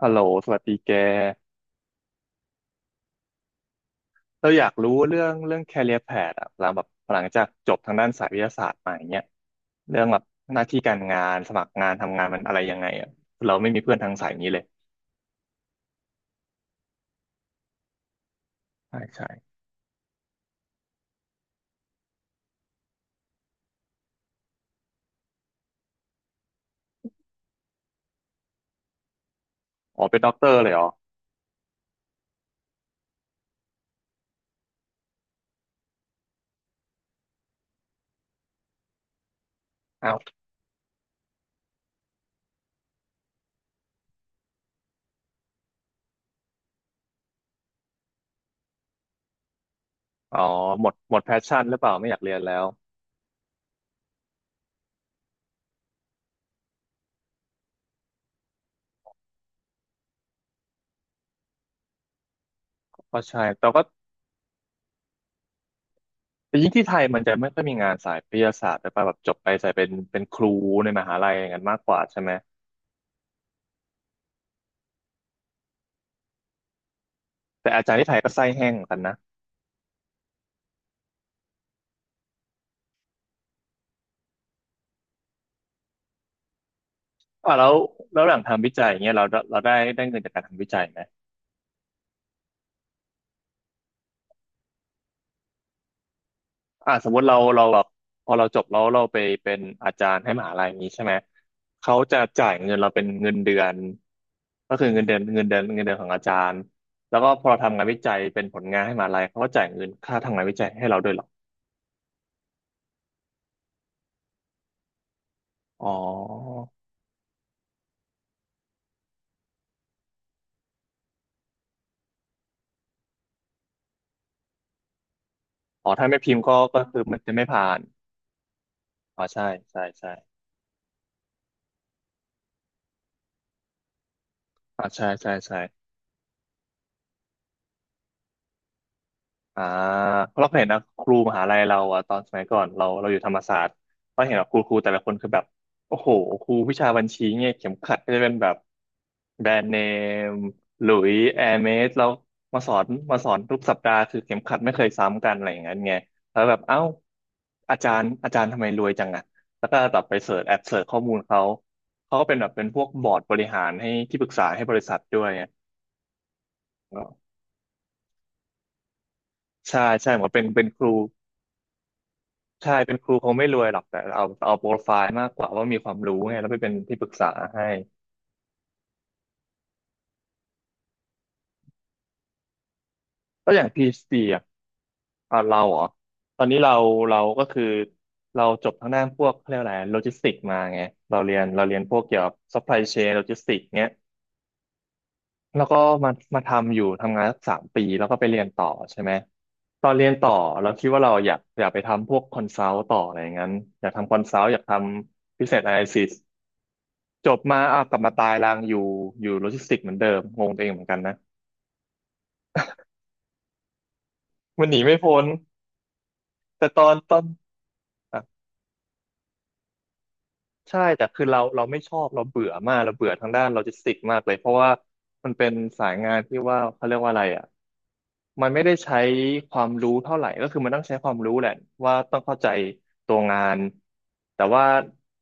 ฮัลโหลสวัสดีแกเราอยากรู้เรื่อง career path อะหลังแบบหลังจากจบทางด้านสายวิทยาศาสตร์มาอย่างเงี้ยเรื่องแบบหน้าที่การงานสมัครงานทำงานมันอะไรยังไงอะเราไม่มีเพื่อนทางสายนี้เลยใช่ใช่อ๋อเป็นด็อกเตอร์เลยเหรออ้าวอ๋อหมดแพชชั่นหรือเปล่าไม่อยากเรียนแล้วก็ใช่แต่ก็แต่ยิ่งที่ไทยมันจะไม่ค่อยมีงานสายวิทยาศาสตร์แต่ป่ะแบบจบไปใส่เป็นครูในมหาลัยอย่างนั้นมากกว่าใช่ไหมแต่อาจารย์ที่ไทยก็ไส้แห้งเหมือนกันนะ อ่าแล้วแล้วหลังทำวิจัยอย่างเงี้ยเราได้เงินจากการทำวิจัยไหมอ่าสมมติเราแบบพอเราจบแล้วเราไปเป็นอาจารย์ให้มหาลัยนี้ใช่ไหมเขาจะจ่ายเงินเราเป็นเงินเดือนก็คือเงินเดือนเงินเดือนเงินเดือนของอาจารย์แล้วก็พอเราทำงานวิจัยเป็นผลงานให้มหาลัยเขาก็จ่ายเงินค่าทำงานวิจัยให้เราด้วยเหรออ๋ออ๋อถ้าไม่พิมพ์ก็คือมันจะไม่ผ่านอ๋อใช่ใช่ใช่อ๋อใช่ใช่ใช่ อ่าเพราะเราเคยเห็นนะครูมหาลัยเราอะตอนสมัยก่อนเราอยู่ธรรมศาสตร์เราเห็นแบบครูแต่ละคนคือแบบโอ้โหครูวิชาบัญชีเนี่ยเข็มขัดก็จะเป็นแบบแบรนด์เนมหลุยแอร์เมสเรามาสอนทุกสัปดาห์คือเข็มขัดไม่เคยซ้ำกันอะไรอย่างเงี้ยไงแล้วแบบเอ้าอาจารย์ทำไมรวยจังอะแล้วก็แบบไปเสิร์ชแอบเสิร์ชข้อมูลเขาเขาก็เป็นแบบเป็นพวกบอร์ดบริหารให้ที่ปรึกษาให้บริษัทด้วยไงใช่ใช่เหมือนเป็นครู ใช่เป็นครูคงไม่รวยหรอกแต่เอาโปรไฟล์มากกว่าว่ามีความรู้ไงแล้วไปเป็นที่ปรึกษาให้แล้วอย่างพีซีอ่ะอ่ะเราเหรอตอนนี้เราเราก็คือเราจบทางด้านพวกเขาเรียกอะไรโลจิสติกมาไงเราเรียนพวกเกี่ยวกับซัพพลายเชนโลจิสติกเนี้ยแล้วก็มาทำอยู่ทำงานสัก3 ปีแล้วก็ไปเรียนต่อใช่ไหมตอนเรียนต่อเราคิดว่าเราอยากไปทำพวกคอนซัลต์ต่ออะไรอย่างนั้นอยากทำคอนซัลต์อยากทำ business analysis จบมาอ่ะกลับมาตายรางอยู่อยู่โลจิสติกส์เหมือนเดิมงงตัวเองเหมือนกันนะมันหนีไม่พ้นแต่ตอนอ่ะใช่แต่คือเราไม่ชอบเราเบื่อมากเราเบื่อทางด้านโลจิสติกส์มากเลยเพราะว่ามันเป็นสายงานที่ว่าเขาเรียกว่าอะไรอ่ะมันไม่ได้ใช้ความรู้เท่าไหร่ก็คือมันต้องใช้ความรู้แหละว่าต้องเข้าใจตัวงานแต่ว่า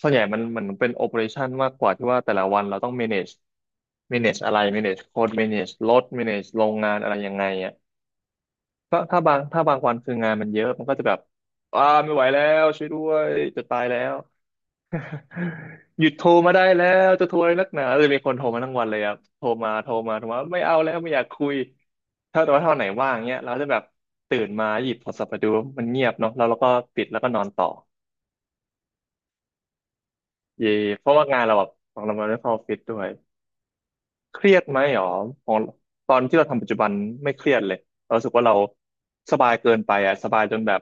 ส่วนใหญ่มันเป็นโอ e r a t i o n มากกว่าที่ว่าแต่ละวันเราต้อง manage manage อะไร manage คน manage รถ manage โรงงานอะไรยังไงอ่ะ ก็ถ้าบางวันคืองานมันเยอะมันก็จะแบบอ่าไม่ไหวแล้วช่วยด้วยจะตายแล้ว หยุดโทรมาได้แล้วจะโทรอะไรนักหนาจะมีคนโทรมาทั้งวันเลยครับโทรมาไม่เอาแล้วไม่อยากคุยถ้าแต่ว่าถ้าวันไหนว่างเนี้ยเราจะแบบตื่นมาหยิบโทรศัพท์มาดูมันเงียบเนาะแล้วเราก็ปิดแล้วก็นอนต่อเย่เพราะว่างานเราแบบของเรามันไม่เข้าออฟฟิศด้วย เครียดไหมหรอของตอนที่เราทำปัจจุบันไม่เครียดเลยเรารู้สึกว่าเราสบายเกินไปอะสบายจนแบบ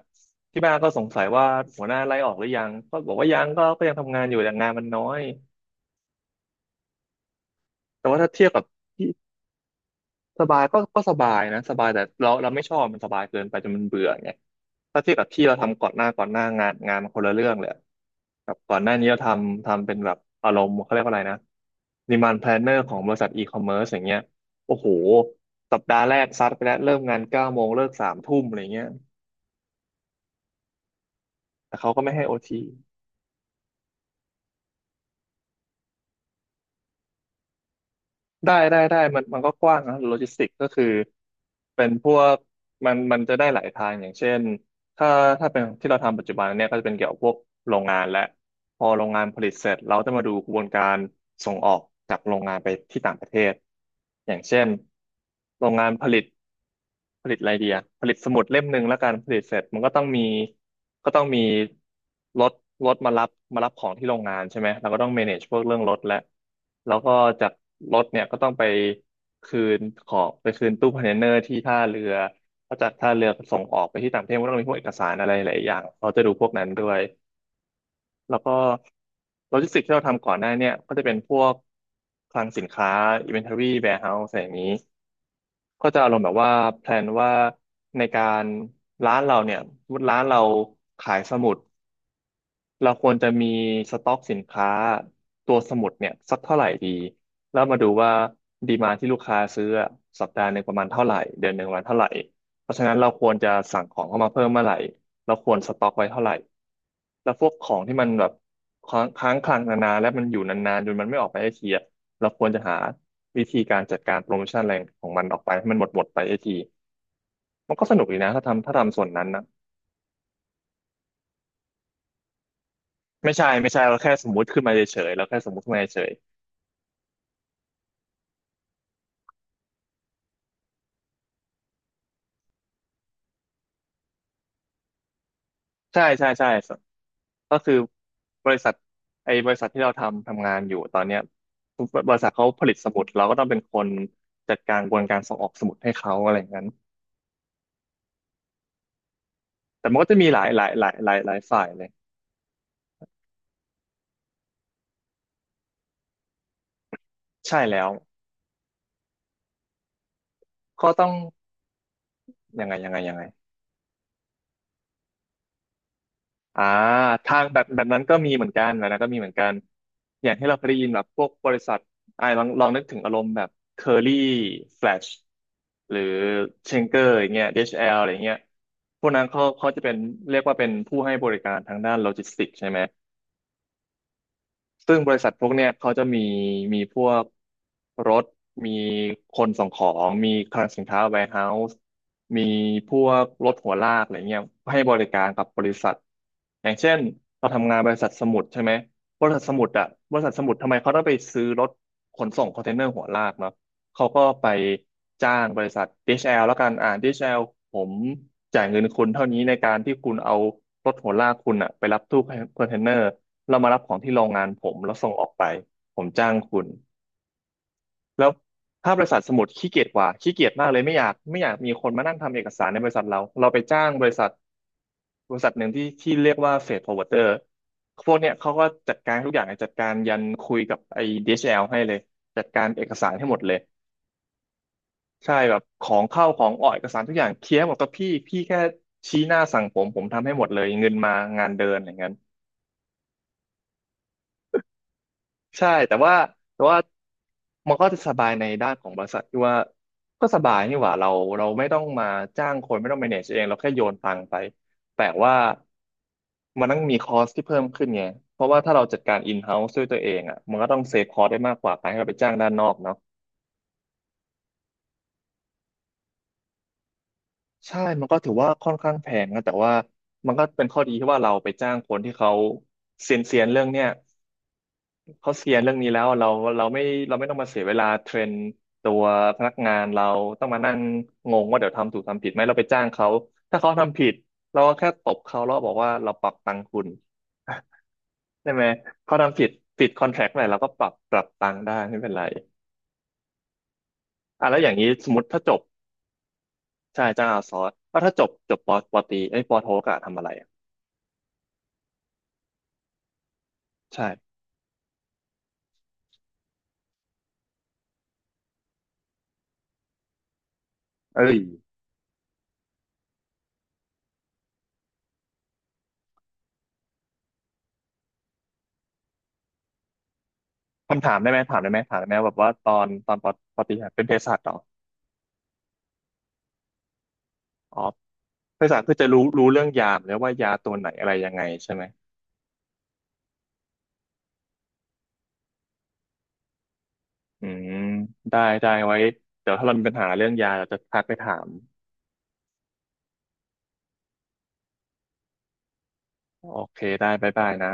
ที่บ้านก็สงสัยว่าหัวหน้าไล่ออกหรือยังก็บอกว่ายังก็ยังทำงานอยู่แต่งานมันน้อยแต่ว่าถ้าเทียบกับที่ สบายก็สบายนะสบายแต่เราไม่ชอบมันสบายเกินไปจนมันเบื่อไงถ้าเทียบกับที่เราทำก่อนหน้างานมันคนละเรื่องเลยกับก่อนหน้านี้เราทำเป็นแบบอารมณ์เขาเรียกว่าอะไรนะ demand planner ของบริษัทอีคอมเมิร์อย่างเงี้ยโอ้โหสัปดาห์แรกซัดไปแล้วเริ่มงาน9 โมงเลิก3 ทุ่มอะไรเงี้ยแต่เขาก็ไม่ให้โอที ได้มันก็กว้างนะโลจิสติกก็คือเป็นพวกมันจะได้หลายทางอย่างเช่นถ้าถ้าเป็นที่เราทำปัจจุบันเนี่ยก็จะเป็นเกี่ยวกับพวกโรงงานและพอโรงงานผลิตเสร็จเราจะมาดูกระบวนการส่งออกจากโรงงานไปที่ต่างประเทศอย่างเช่นโรงงานผลิต ผลิตอะไรดีอะผลิตสมุดเล่มหนึ่งแล้วกันผลิตเสร็จมันก็ต้องมีก็ต้องมีรถรถมารับมารับของที่โรงงานใช่ไหมเราก็ต้อง manage พวกเรื่องรถและแล้วก็จากรถเนี่ยก็ต้องไปคืนของไปคืนตู้คอนเทนเนอร์ที่ท่าเรือก็จากท่าเรือส่งออกไปที่ต่างประเทศก็ต้องมีพวกเอกสารอะไรหลายอย่างเราจะดูพวกนั้นด้วยแล้วก็โลจิสติกที่เราทำก่อนหน้าเนี่ยก็จะเป็นพวกคลังสินค้า inventory warehouse อะไรอย่างนี้ ก็จะอารมณ์แบบว่าแพลนว่าในการร้านเราเนี่ยสมมติร้านเราขายสมุด เราควรจะมีสต็อกสินค้าตัวสมุดเนี่ยสักเท่าไหร่ดีแล้วมาดูว่าดีมาที่ลูกค้าซื้ออะสัปดาห์หนึ่งประมาณเท่าไหร่เดือนหนึ่งประมาณเท่าไหร่เพราะฉะนั้นเราควรจะสั่งของเข้ามาเพิ่มเมื่อไหร่เราควรสต็อกไว้เท่าไหร่แล้วพวกของที่มันแบบค้างคลังนานๆและมันอยู่นานๆจนมันไม่ออกไปไอทีอะเราควรจะหาวิธีการจัดการโปรโมชั่นอะไรของมันออกไปให้มันหมดหมดไปไอทีมันก็สนุกดีนะถ้าทำส่วนนั้นนะไม่ใช่ไม่ใช่เราแค่สมมุติขึ้นมาเฉยๆเราแค่สมมุติขึ้นมาเฉย ใช่ใช่ใช่สก็คือบริษัทไอ้บริษัทที่เราทำงานอยู่ตอนเนี้ยบริษัทเขาผลิตสมุดเราก็ต้องเป็นคนจัดการกระบวนการส่งออกสมุดให้เขาอะไรอย่างนั้นแต่มันก็จะมีหลายฝ่ายเลยใช่แล้วก็ต้องยังไง อ่าทางแบบนั้นก็มีเหมือนกันแบบนั้นก็มีเหมือนกันอย่างที่เราเคยได้ยินแบบพวกบริษัทลองนึกถึงอารมณ์แบบ Curly Flash หรือเชงเกอร์อย่างเงี้ย DHL อชแอลอะไรเงี้ยพวกนั้นเขาจะเป็นเรียกว่าเป็นผู้ให้บริการทางด้านโลจิสติกส์ใช่ไหม ซึ่งบริษัทพวกเนี้ยเขาจะมีมีพวกรถมีคนส่งของมีคลังสินค้า warehouse มีพวกรถหัวลากอะไรเงี้ยให้บริการกับบริษัทอย่างเช่นเราทำงานบริษัทสมุดใช่ไหมบริษัทสมุดอะบริษัทสมุดทำไมเขาต้องไปซื้อรถขนส่งคอนเทนเนอร์หัวลากเนาะเขาก็ไปจ้างบริษัท DHL แอลแล้วกันDHL ผมจ่ายเงินคุณเท่านี้ในการที่คุณเอารถหัวลากคุณอะไปรับตู้คอนเทนเนอร์ เรามารับของที่โรงงานผมแล้วส่งออกไปผมจ้างคุณแล้วถ้าบริษัทสมุดขี้เกียจกว่าขี้เกียจมากเลยไม่อยากมีคนมานั่งทำเอกสารในบริษัทเราเราไปจ้างบริษัทบริษัทหนึ่งที่เรียกว่าเฟดฟอร์เวิร์เตอร์พวกเนี้ยเขาก็จัดการทุกอย่างเลยจัดการยันคุยกับไอ้ DHL ให้เลยจัดการเอกสารให้หมดเลยใช่แบบของเข้าของออกเอกสารทุกอย่างเคลียร์หมดกับพี่แค่ชี้หน้าสั่งผมผมทำให้หมดเลยเงินมางานเดินอย่างนั้น ใช่แต่ว่าแต่ว่ามันก็จะสบายในด้านของบริษัทที่ว่าก็สบายนี่หว่าเราเราไม่ต้องมาจ้างคนไม่ต้อง manage เองเราแค่โยนตังค์ไปแต่ว่ามันต้องมีคอสที่เพิ่มขึ้นไงเพราะว่าถ้าเราจัดการ in-house ด้วยตัวเองอ่ะมันก็ต้องเซฟคอสได้มากกว่าการให้เราไปจ้างด้านนอกเนาะใช่มันก็ถือว่าค่อนข้างแพงนะแต่ว่ามันก็เป็นข้อดีที่ว่าเราไปจ้างคนที่เขาเซียนเรื่องเนี้ย เขาเซียนเรื่องนี้แล้วเราเราไม่เราไม่ต้องมาเสียเวลาเทรนตัวพนักงานเราต้องมานั่งงงว่าเดี๋ยวทำถูกทำผิดไหมเราไปจ้างเขาถ้าเขาทำผิดเราก็แค่ตบเขาแล้วบอกว่าเราปรับตังค์คุณ ใช่ไหมเขาทำผิดผิดคอนแทคไหนเราก็ปรับตังค์ได้ไม่เป็นไรอ่ะแล้วอย่างนี้สมมติถ้าจบใช่จ้างอาซอสแล้วถ้าจบจบปอตรีไอ้ยปอโทกะทำอะไรอ่ะใช่เอ้ยคำถามได้ไหมถามได้ไหมแบบว่าตอนปอตรีอะเป็นเภสัชเหรออ๋อ ภาษาคือจะรู้เรื่องยามแล้วว่ายาตัวไหนอะไรยังไงใช่ไหม อืม ได้ไว้เดี๋ยวถ้าเรามีปัญหาเรื่องยาเราจะทักไปถาม โอเคได้บ๊ายบายนะ